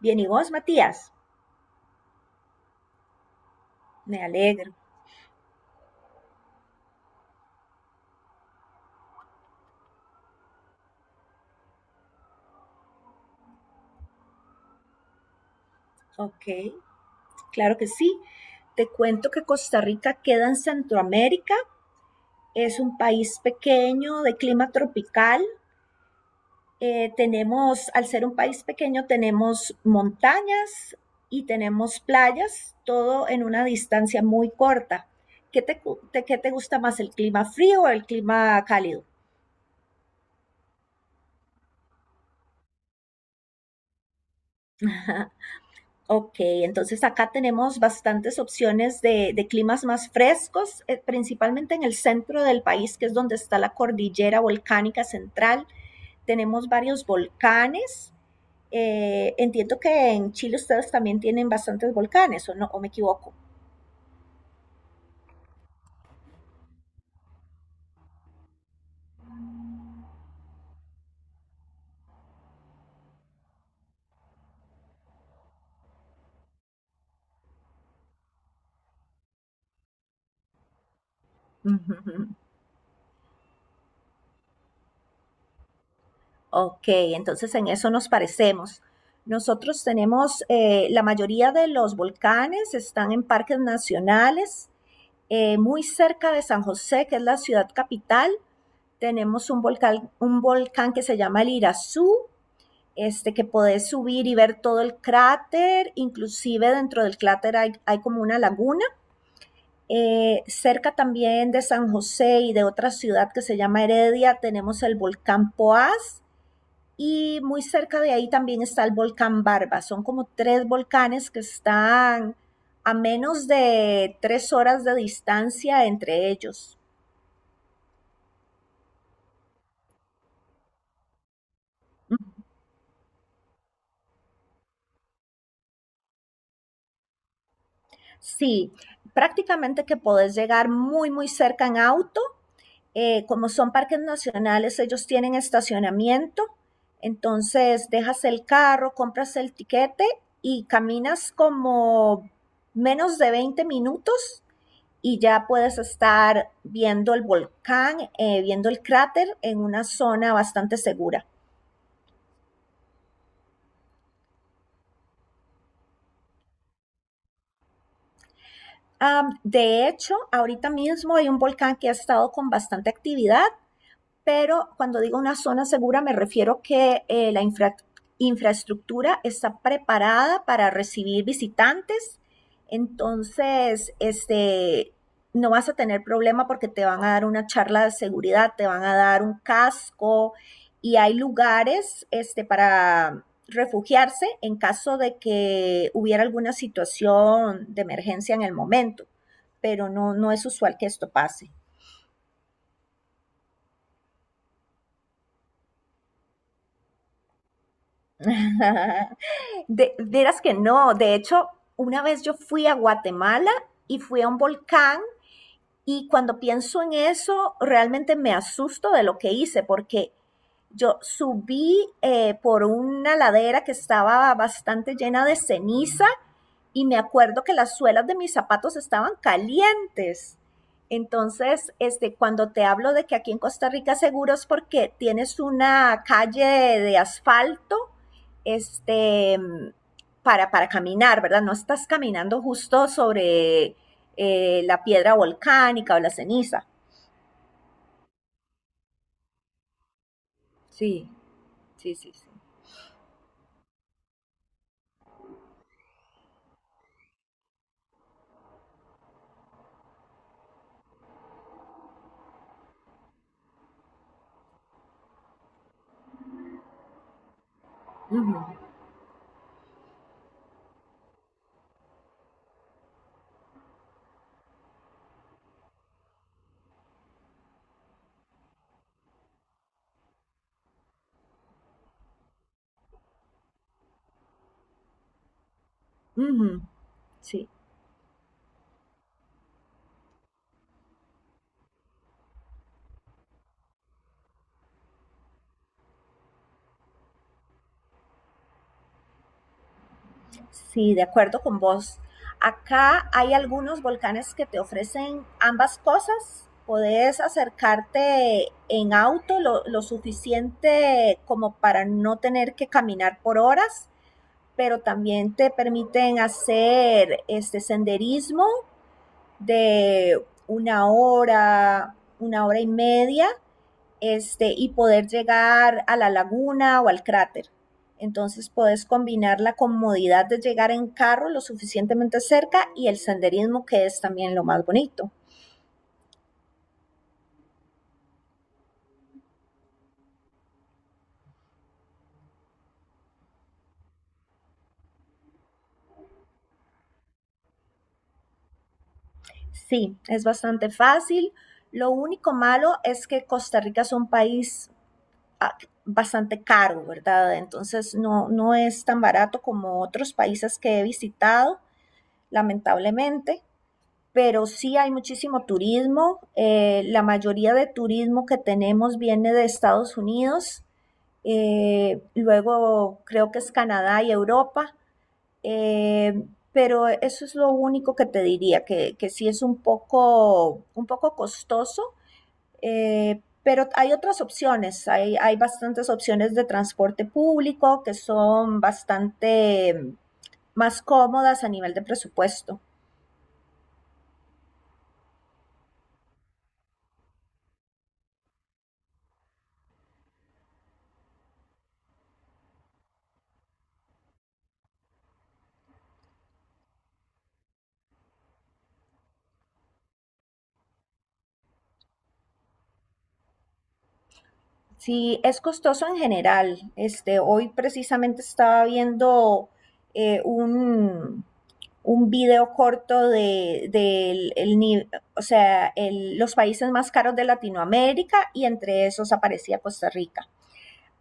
Bien, ¿y vos, Matías? Me alegro. Ok, claro que sí. Te cuento que Costa Rica queda en Centroamérica. Es un país pequeño de clima tropical. Tenemos, al ser un país pequeño, tenemos montañas y tenemos playas, todo en una distancia muy corta. ¿ Qué te gusta más, el clima frío o el clima cálido? Ok, entonces acá tenemos bastantes opciones de climas más frescos, principalmente en el centro del país, que es donde está la cordillera volcánica central. Tenemos varios volcanes. Entiendo que en Chile ustedes también tienen bastantes volcanes, ¿o no? ¿O me equivoco? Ujú. Ok, entonces en eso nos parecemos. Nosotros tenemos, la mayoría de los volcanes están en parques nacionales. Muy cerca de San José, que es la ciudad capital, tenemos un volcán que se llama el Irazú, que podés subir y ver todo el cráter, inclusive dentro del cráter hay como una laguna. Cerca también de San José y de otra ciudad que se llama Heredia tenemos el volcán Poás y muy cerca de ahí también está el volcán Barba. Son como tres volcanes que están a menos de 3 horas de distancia entre ellos. Sí, prácticamente que podés llegar muy, muy cerca en auto. Como son parques nacionales, ellos tienen estacionamiento. Entonces, dejas el carro, compras el tiquete y caminas como menos de 20 minutos y ya puedes estar viendo el volcán, viendo el cráter en una zona bastante segura. De hecho, ahorita mismo hay un volcán que ha estado con bastante actividad, pero cuando digo una zona segura me refiero que la infraestructura está preparada para recibir visitantes, entonces no vas a tener problema porque te van a dar una charla de seguridad, te van a dar un casco y hay lugares para refugiarse en caso de que hubiera alguna situación de emergencia en el momento, pero no, no es usual que esto pase. De, verás que no, de hecho, una vez yo fui a Guatemala y fui a un volcán y cuando pienso en eso, realmente me asusto de lo que hice porque yo subí por una ladera que estaba bastante llena de ceniza y me acuerdo que las suelas de mis zapatos estaban calientes. Entonces, cuando te hablo de que aquí en Costa Rica seguro es porque tienes una calle de asfalto, este, para caminar, ¿verdad? No estás caminando justo sobre la piedra volcánica o la ceniza. Sí, sí. Uh -huh. Uh -huh. Sí. Sí, de acuerdo con vos. Acá hay algunos volcanes que te ofrecen ambas cosas. Podés acercarte en auto lo suficiente como para no tener que caminar por horas, pero también te permiten hacer este senderismo de una hora y media, y poder llegar a la laguna o al cráter. Entonces puedes combinar la comodidad de llegar en carro lo suficientemente cerca y el senderismo que es también lo más bonito. Sí, es bastante fácil. Lo único malo es que Costa Rica es un país, ah, bastante caro, ¿verdad? Entonces no, no es tan barato como otros países que he visitado, lamentablemente. Pero sí hay muchísimo turismo. La mayoría de turismo que tenemos viene de Estados Unidos, luego creo que es Canadá y Europa. eh, pero eso es lo único que te diría, que sí es un poco costoso. Pero hay otras opciones, hay bastantes opciones de transporte público que son bastante más cómodas a nivel de presupuesto. Sí, es costoso en general. Hoy precisamente estaba viendo eh, un, un video corto de, del- el ni- o sea, los países más caros de Latinoamérica y entre esos aparecía Costa Rica.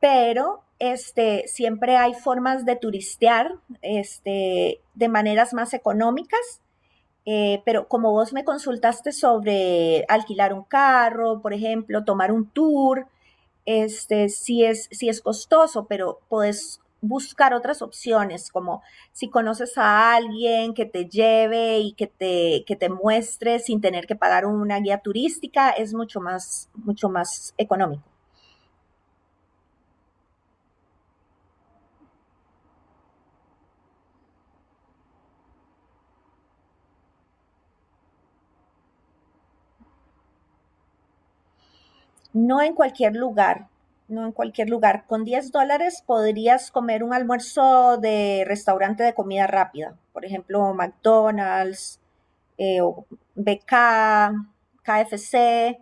Pero siempre hay formas de turistear, de maneras más económicas. Pero como vos me consultaste sobre alquilar un carro, por ejemplo, tomar un tour, sí es costoso, pero podés buscar otras opciones, como si conoces a alguien que te lleve y que te muestre sin tener que pagar una guía turística, es mucho más económico. No en cualquier lugar, no en cualquier lugar. Con $10 podrías comer un almuerzo de restaurante de comida rápida, por ejemplo, McDonald's, o BK, KFC.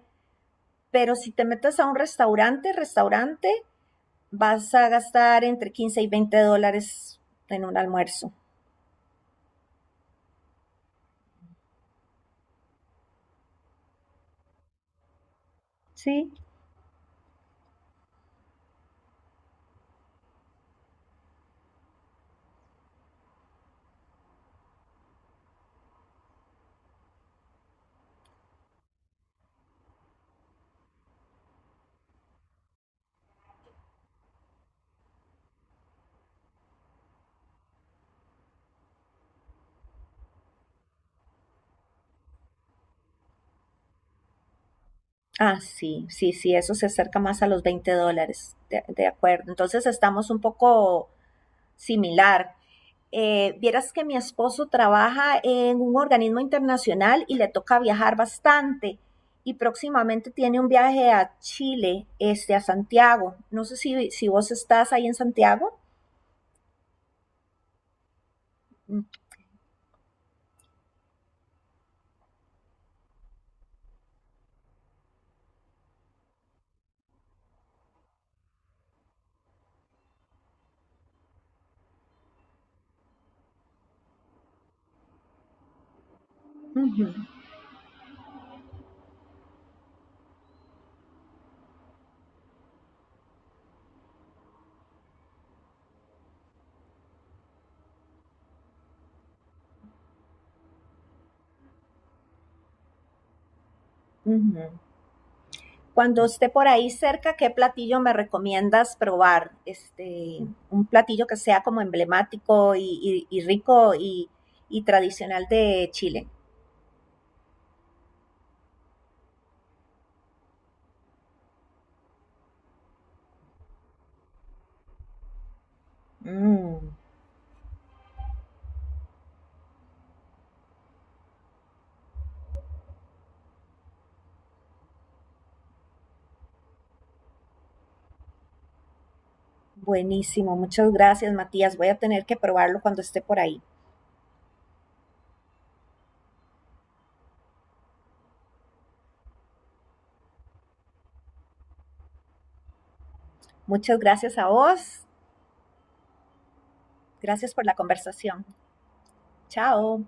Pero si te metes a un restaurante, restaurante, vas a gastar entre $15 y $20 en un almuerzo. Sí. Ah, sí, eso se acerca más a los $20, de acuerdo. Entonces estamos un poco similar. Vieras que mi esposo trabaja en un organismo internacional y le toca viajar bastante y próximamente tiene un viaje a Chile, a Santiago. No sé si vos estás ahí en Santiago. Uh -huh, uh -huh. Cuando esté por ahí cerca, ¿qué platillo me recomiendas probar? Un platillo que sea como emblemático y rico y tradicional de Chile. Mm, buenísimo, muchas gracias Matías. Voy a tener que probarlo cuando esté por ahí. Muchas gracias a vos, gracias por la conversación. Chao.